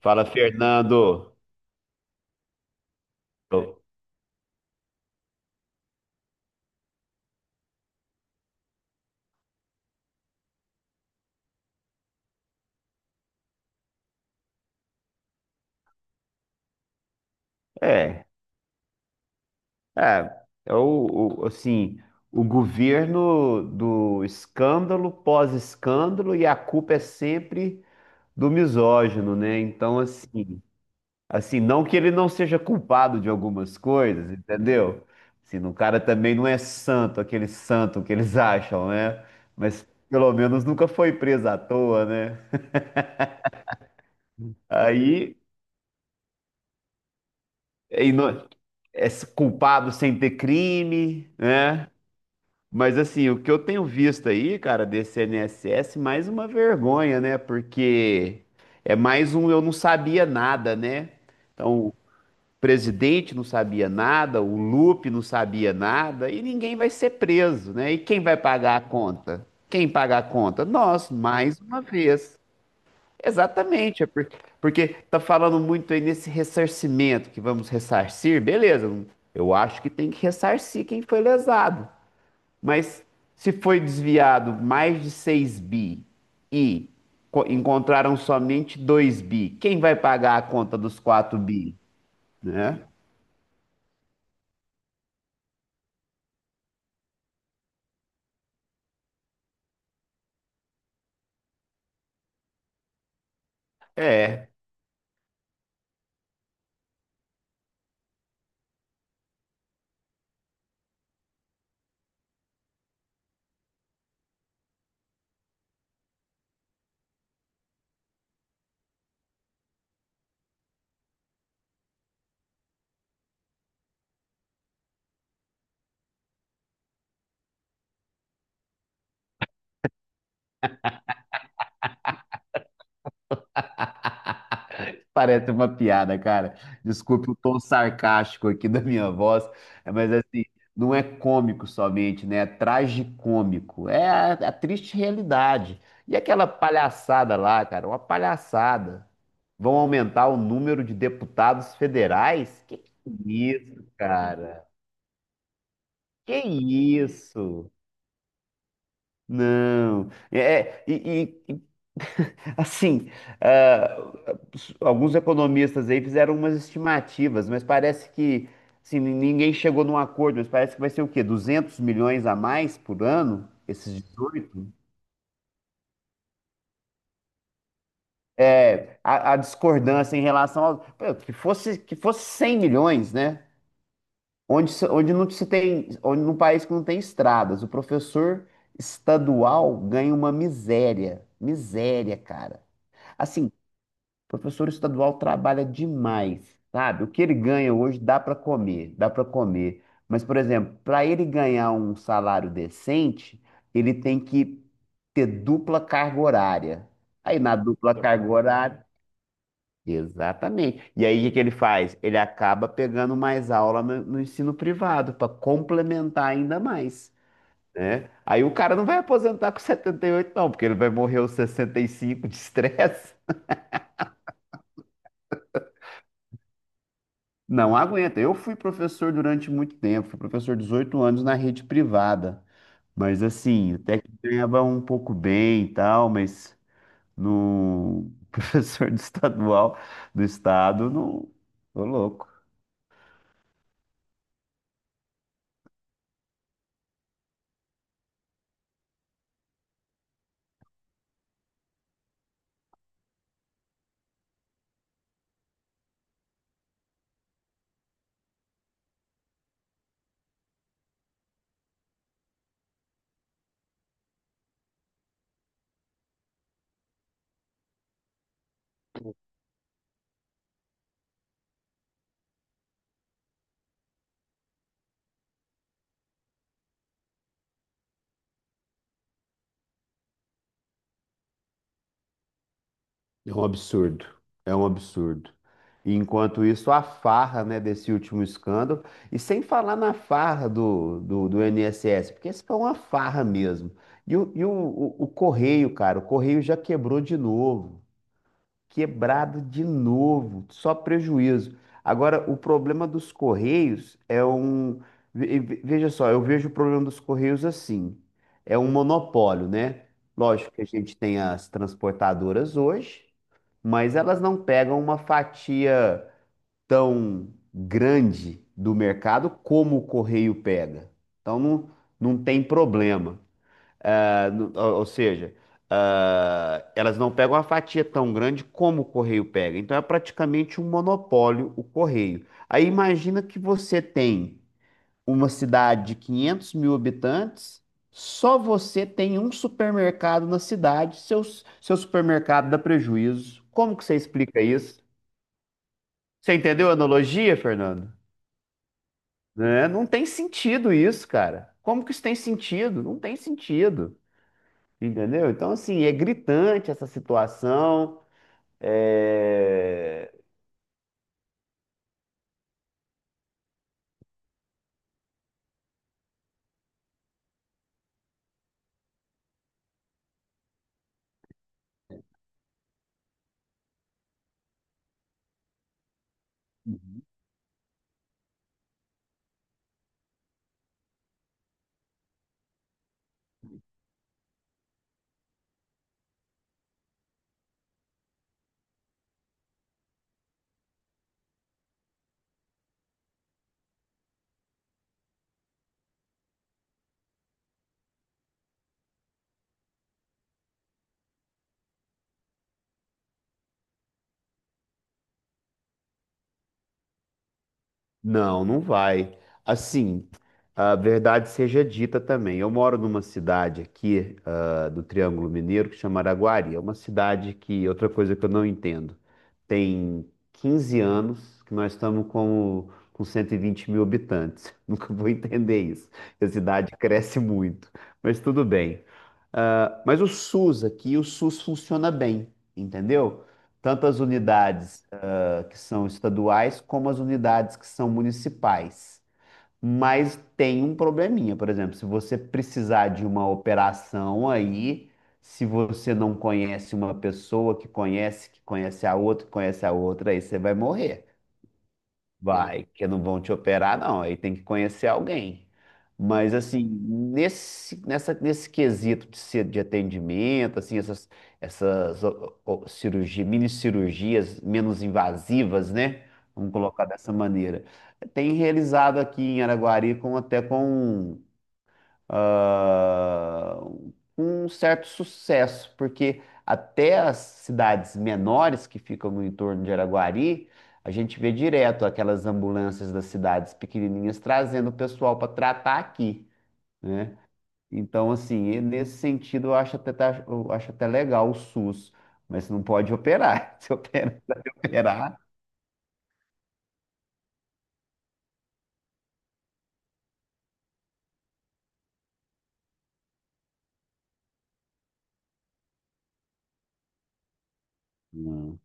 Fala, Fernando. É, é o, assim, o governo do escândalo, pós-escândalo, e a culpa é sempre do misógino, né? Então, assim, assim, não que ele não seja culpado de algumas coisas, entendeu? Assim, o cara também não é santo, aquele santo que eles acham, né? Mas pelo menos nunca foi preso à toa, né? Aí, e não- é culpado sem ter crime, né? Mas assim, o que eu tenho visto aí, cara, desse INSS, mais uma vergonha, né? Porque é mais um eu não sabia nada, né? Então, o presidente não sabia nada, o Lupe não sabia nada, e ninguém vai ser preso, né? E quem vai pagar a conta? Quem pagar a conta? Nós, mais uma vez. Exatamente, é porque, porque tá falando muito aí nesse ressarcimento, que vamos ressarcir, beleza, eu acho que tem que ressarcir quem foi lesado. Mas se foi desviado mais de 6 bi e encontraram somente 2 bi, quem vai pagar a conta dos quatro bi? Né? É, parece uma piada, cara. Desculpe o tom sarcástico aqui da minha voz, mas assim, não é cômico somente, né? É tragicômico. É a triste realidade. E aquela palhaçada lá, cara, uma palhaçada. Vão aumentar o número de deputados federais? Que é isso, cara? Que isso? Não. E assim, ah, alguns economistas aí fizeram umas estimativas, mas parece que assim, ninguém chegou num acordo, mas parece que vai ser o quê? 200 milhões a mais por ano? Esses 18? É, a discordância em relação ao. Pô, que fosse, que fosse 100 milhões, né? Onde, onde não se tem, onde num país que não tem estradas, o professor estadual ganha uma miséria, miséria, cara. Assim, o professor estadual trabalha demais, sabe? O que ele ganha hoje dá para comer, dá para comer. Mas, por exemplo, para ele ganhar um salário decente, ele tem que ter dupla carga horária. Aí na dupla carga horária, exatamente. E aí, o que que ele faz? Ele acaba pegando mais aula no, no ensino privado para complementar ainda mais, né? Aí o cara não vai aposentar com 78 não, porque ele vai morrer aos 65 de estresse. Não aguenta. Eu fui professor durante muito tempo, fui professor 18 anos na rede privada. Mas assim, até que ganhava um pouco bem e tal, mas no professor do estadual do estado, não, tô louco. É um absurdo, é um absurdo. E enquanto isso, a farra, né, desse último escândalo, e sem falar na farra do INSS, porque isso foi uma farra mesmo. E o Correio, cara, o Correio já quebrou de novo, quebrado de novo, só prejuízo. Agora, o problema dos Correios é um. Veja só, eu vejo o problema dos Correios assim: é um monopólio, né? Lógico que a gente tem as transportadoras hoje mas elas não pegam uma fatia tão grande do mercado como o Correio pega. Então não, não tem problema. Ah, ou seja, ah, elas não pegam uma fatia tão grande como o Correio pega. Então é praticamente um monopólio o Correio. Aí imagina que você tem uma cidade de 500 mil habitantes, só você tem um supermercado na cidade, seu, seu supermercado dá prejuízo. Como que você explica isso? Você entendeu a analogia, Fernando? Né? Não tem sentido isso, cara. Como que isso tem sentido? Não tem sentido. Entendeu? Então, assim, é gritante essa situação. É, não, não vai. Assim, a verdade seja dita também. Eu moro numa cidade aqui, do Triângulo Mineiro que chama Araguari. É uma cidade que, outra coisa que eu não entendo, tem 15 anos que nós estamos com 120 mil habitantes. Nunca vou entender isso. A cidade cresce muito, mas tudo bem. Ah, mas o SUS aqui, o SUS funciona bem, entendeu? Tantas unidades que são estaduais, como as unidades que são municipais. Mas tem um probleminha, por exemplo, se você precisar de uma operação aí, se você não conhece uma pessoa que conhece a outra, que conhece a outra, aí você vai morrer. Vai, que não vão te operar, não. Aí tem que conhecer alguém. Mas, assim, nesse, nessa, nesse quesito de, de atendimento, assim, essas, essas ó, ó, cirurgia, mini cirurgias menos invasivas, né? Vamos colocar dessa maneira. Tem realizado aqui em Araguari com, até com ah, um certo sucesso, porque até as cidades menores que ficam no entorno de Araguari, a gente vê direto aquelas ambulâncias das cidades pequenininhas trazendo o pessoal para tratar aqui, né? Então, assim, e nesse sentido, eu acho até, eu acho até legal o SUS, mas não pode operar. Se opera- operar, não,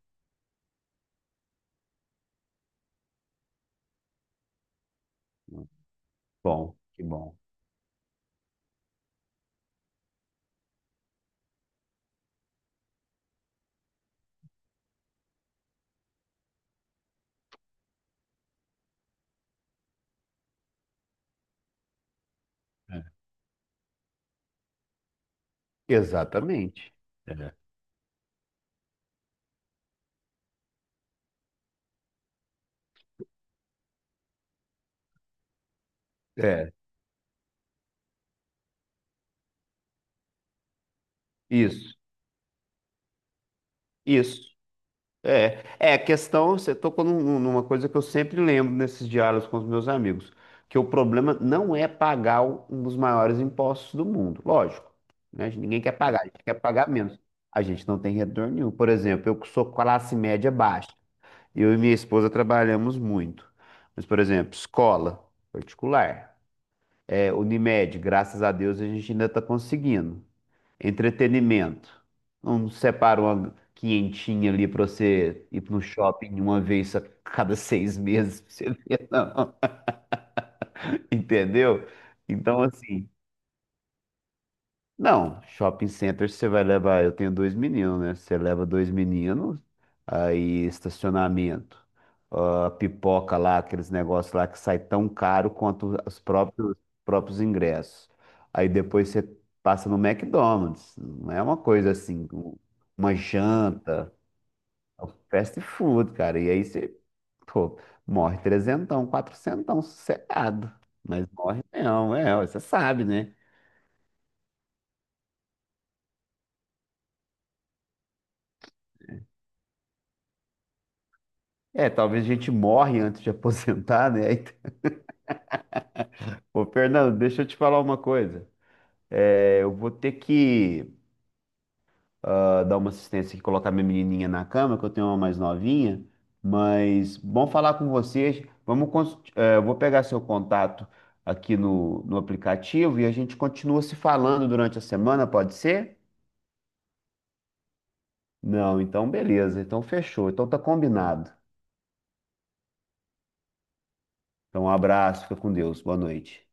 não. Bom, que bom. É. Exatamente. É. É, isso, isso. É, é a questão, você tocou numa coisa que eu sempre lembro nesses diálogos com os meus amigos, que o problema não é pagar um dos maiores impostos do mundo, lógico, né? Ninguém quer pagar, a gente quer pagar menos. A gente não tem retorno nenhum. Por exemplo, eu que sou classe média baixa, eu e minha esposa trabalhamos muito. Mas, por exemplo, escola particular, é, Unimed, graças a Deus a gente ainda está conseguindo. Entretenimento. Não separa uma quinhentinha ali pra você ir no shopping uma vez a cada 6 meses pra você ver, não. Entendeu? Então, assim, não, shopping center você vai levar. Eu tenho dois meninos, né? Você leva dois meninos, aí estacionamento, ah, pipoca lá, aqueles negócios lá que sai tão caro quanto os próprios, próprios ingressos. Aí depois você passa no McDonald's, não é uma coisa assim, uma janta, é um fast food, cara. E aí você, pô, morre trezentão, quatrocentão, sossegado. Mas morre não, é, você sabe, né? É, talvez a gente morre antes de aposentar, né? Aí- Ô, Fernando, deixa eu te falar uma coisa. É, eu vou ter que dar uma assistência aqui, colocar minha menininha na cama, que eu tenho uma mais novinha. Mas bom falar com vocês. Vamos, eu vou pegar seu contato aqui no, no aplicativo e a gente continua se falando durante a semana, pode ser? Não, então beleza. Então fechou. Então tá combinado. Então um abraço, fica com Deus. Boa noite.